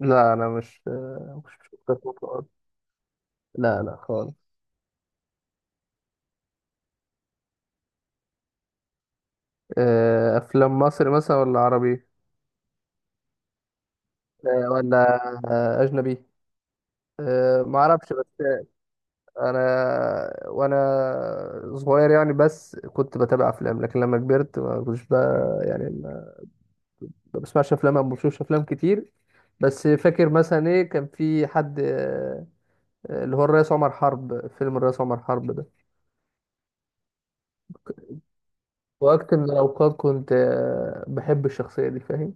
لا، انا مش مختلف في الحوار. لا، لا، خالص. افلام مصري مثلا ولا عربي؟ ولا اجنبي؟ ما اعرفش بس. انا وانا صغير يعني، بس كنت بتابع افلام. لكن لما كبرت ما كنتش، بقى يعني ما بسمعش افلام او ما بشوفش افلام كتير. بس فاكر مثلا، ايه كان في حد اللي هو الرئيس عمر حرب، فيلم الرئيس عمر حرب ده. وقت من الاوقات كنت بحب الشخصيه دي، فاهم.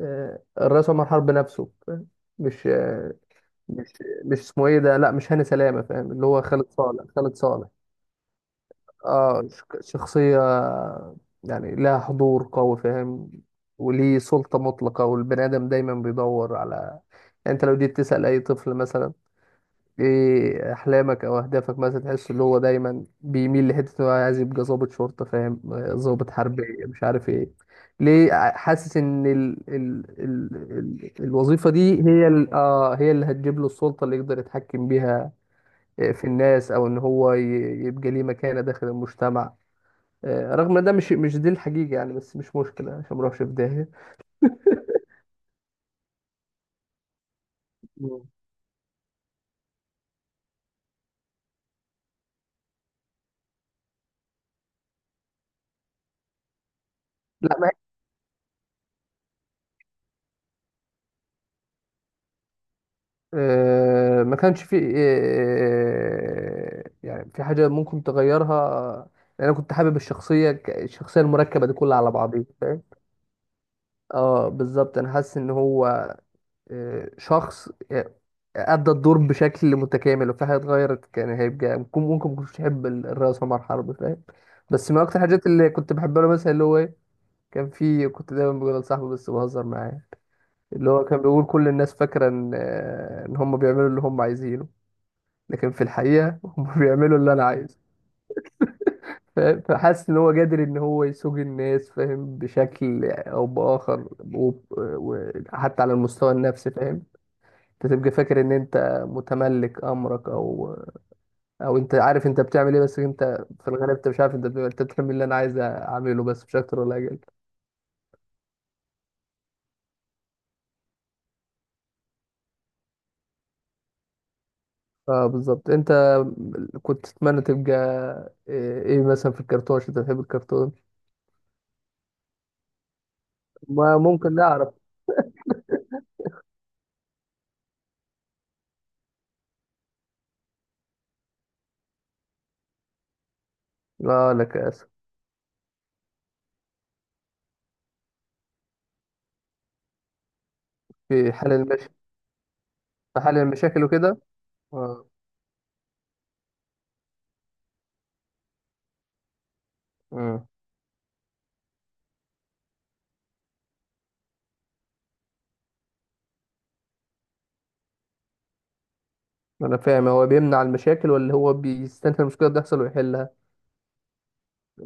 الرئيس عمر حرب نفسه، فاهم؟ مش آه، مش مش اسمه ايه ده. لا، مش هاني سلامة، فاهم؟ اللي هو خالد صالح، خالد صالح. اه، شخصية يعني لها حضور قوي، فاهم. وليه سلطة مطلقة، والبني آدم دايما بيدور على. يعني انت لو جيت تسأل اي طفل مثلا ايه احلامك او اهدافك، مثلا تحس اللي هو دايما بيميل لحته إن هو عايز يبقى ضابط شرطه، فاهم؟ ضابط حربي. مش عارف ايه. ليه حاسس ان ال الوظيفه دي، هي هي اللي هتجيب له السلطه اللي يقدر يتحكم بيها. في الناس، او ان هو يبقى ليه مكانه داخل المجتمع. رغم ان ده مش دي الحقيقه يعني، بس مش مشكله عشان ما نروحش في داهيه. مم. لا. ما كانش في يعني في حاجة ممكن تغيرها. لأن أنا كنت حابب الشخصية الشخصية المركبة دي كلها على بعضيها، فاهم. اه بالظبط. أنا حاسس إن هو شخص أدى الدور بشكل متكامل. وفي حاجة اتغيرت كان هيبقى ممكن ما كنتش أحب الرئيس عمر حرب، فاهم. بس من أكتر الحاجات اللي كنت بحبها له، مثلا اللي هو إيه، كان في كنت دايما بقول لصاحبي، بس بهزر معاه. اللي هو كان بيقول، كل الناس فاكرة إن هم بيعملوا اللي هم عايزينه، لكن في الحقيقة هم بيعملوا اللي أنا عايزه، فاهم؟ فحاسس إن هو قادر إن هو يسوق الناس، فاهم، بشكل أو بآخر. وحتى على المستوى النفسي، فاهم. أنت تبقى فاكر إن أنت متملك أمرك، أو أنت عارف أنت بتعمل إيه. بس أنت في الغالب أنت مش عارف، أنت بتعمل اللي أنا عايز أعمله، بس مش أكتر ولا أقل. اه بالظبط. أنت كنت تتمنى تبقى إيه مثلا؟ في الكرتون عشان أنت بتحب الكرتون. ما ممكن نعرف. اه لك، آسف. في حال المشي، في حل المشاكل وكده. اه. امم. انا فاهم، هو بيمنع المشاكل ولا هو بيستنى المشكله تحصل ويحلها؟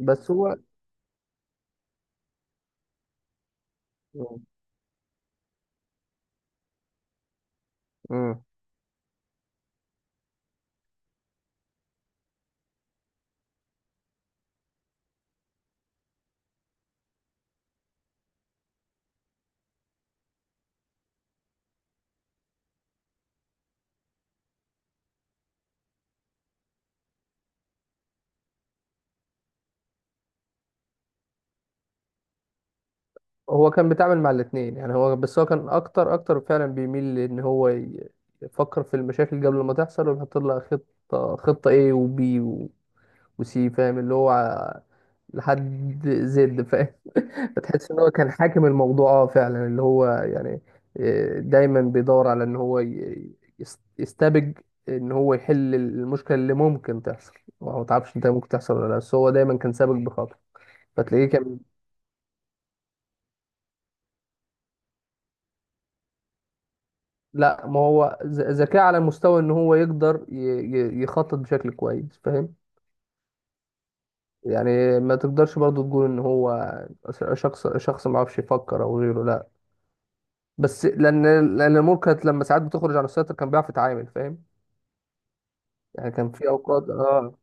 بس هو. امم. هو كان بيتعامل مع الاثنين يعني، هو بس هو كان اكتر اكتر فعلا بيميل لان هو يفكر في المشاكل قبل ما تحصل ويحط لها خطه، خطه ايه، وبي وسي فاهم، اللي هو لحد زد، فاهم. فتحس ان هو كان حاكم الموضوع. اه فعلا، اللي هو يعني دايما بيدور على ان هو يستبج، ان هو يحل المشكله اللي ممكن تحصل. ما هو تعرفش انت ممكن تحصل ولا لا، بس هو دايما كان سابق بخطوه. فتلاقيه كان. لا، ما هو ذكاء على مستوى ان هو يقدر يخطط بشكل كويس، فاهم. يعني ما تقدرش برضو تقول ان هو شخص ما عرفش يفكر او غيره، لا. بس لان الامور كانت لما ساعات بتخرج عن السيطره كان بيعرف يتعامل، فاهم. يعني كان في اوقات، اه.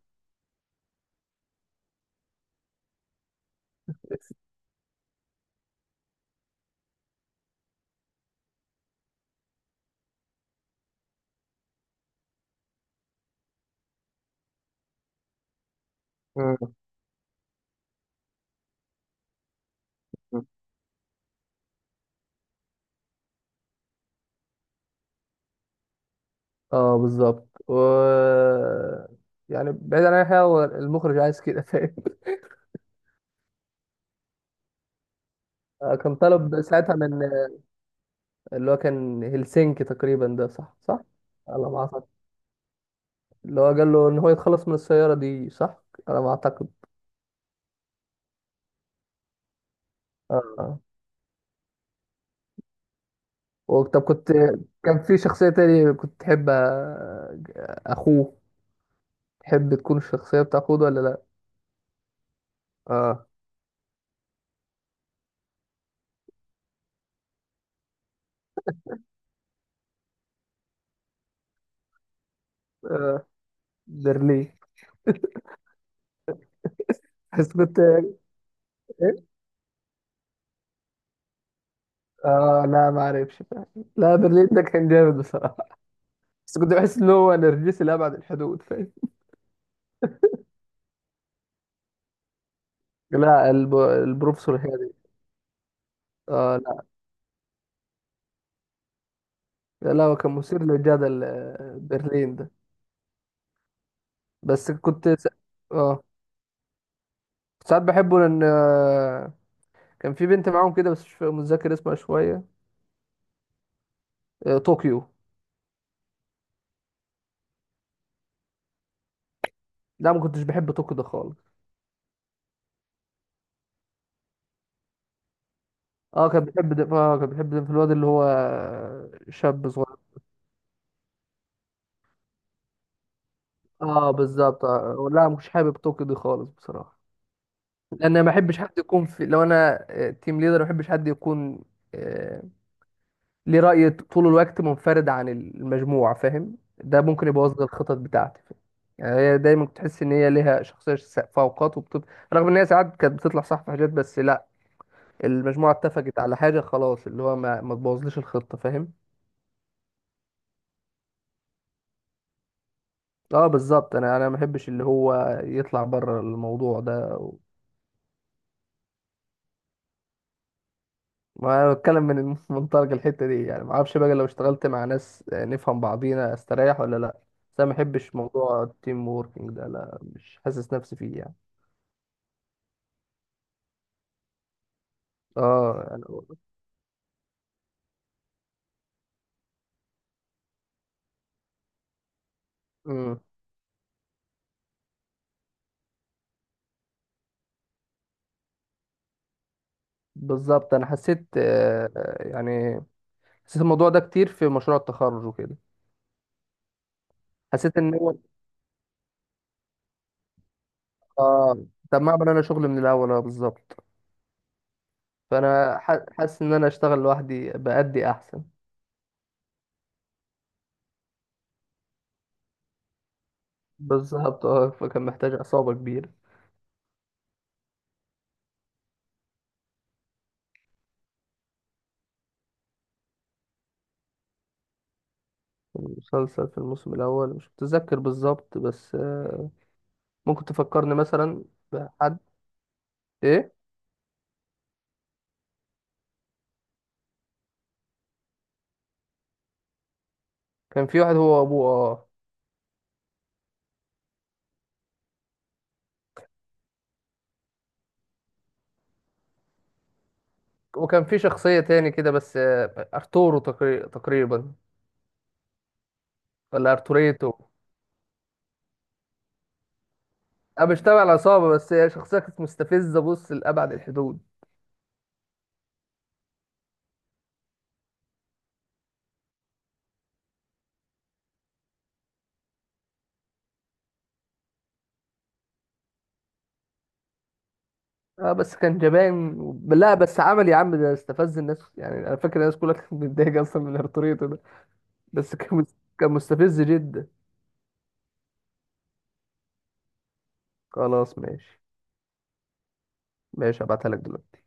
مم. اه بالظبط و. يعني بعيد عن اي حاجه، هو المخرج عايز كده، فاهم. كان طلب ساعتها من، اللي هو كان هلسنكي تقريبا ده، صح، صح. على ما اعتقد. اللي هو قال له ان هو يتخلص من السياره دي، صح، على ما اعتقد. اه. طب كنت، كان في شخصيه تاني كنت تحب اخوه. تحب تكون الشخصيه بتاع اخوه ده ولا لا؟ اه. آه برلين. بس كنت، ايه. اه، لا ما اعرفش، فاهم. لا، برلين ده كان جامد بصراحه. بس كنت بحس ان هو نرجسي لابعد الحدود، فاهم. لا، البروفيسور هادي. اه، لا، لا، هو كان مثير للجدل، برلين ده. بس كنت س. اه، ساعات بحبه لان كان في بنت معاهم كده، بس مش متذكر اسمها شويه. طوكيو. لا، ما كنتش بحب طوكيو ده خالص. اه كان بيحب ده في الواد اللي هو شاب صغير. اه بالظبط. لا، مش حابب طوكيو دي خالص بصراحه. لان ما بحبش حد يكون في، لو انا تيم ليدر، ما بحبش حد يكون آه، ليه راي طول الوقت منفرد عن المجموعه، فاهم. ده ممكن يبوظ لي الخطط بتاعتي، فاهم؟ يعني هي دايما تحس ان هي ليها شخصيه فوقات، وبتب. رغم ان هي ساعات كانت بتطلع صح في حاجات، بس لا، المجموعه اتفقت على حاجه خلاص، اللي هو ما تبوظليش الخطه، فاهم. اه بالظبط. انا ما بحبش اللي هو يطلع بره الموضوع ده. ما انا بتكلم من منطلق الحته دي يعني، ما اعرفش بقى لو اشتغلت مع ناس نفهم بعضينا استريح ولا لا. بس انا ما بحبش موضوع التيم ووركينج ده، لا، مش حاسس نفسي فيه يعني. اه يعني، امم، بالظبط. انا حسيت يعني، حسيت الموضوع ده كتير في مشروع التخرج وكده. حسيت ان هو، اه. طب ما اعمل انا شغل من الاول. اه بالظبط. فانا حاسس ان انا اشتغل لوحدي بأدي احسن. بالظبط. اه، فكان محتاج عصابه كبيره. المسلسل في الموسم الأول مش متذكر بالظبط، بس ممكن تفكرني مثلا بحد. إيه، كان في واحد هو وأبوه، وكان في شخصية تاني كده، بس أرتورو تقريبا، ولا أرتوريتو. أنا مش تابع العصابة، بس هي شخصية كانت مستفزة، بص، لأبعد الحدود. اه، بس كان جبان لا، بس عمل يا عم ده استفز الناس. يعني انا فاكر الناس كلها كانت متضايقه اصلا من ارتوريتو ده. بس كان مستفز جدا. خلاص ماشي. ماشي، هبعتها لك دلوقتي.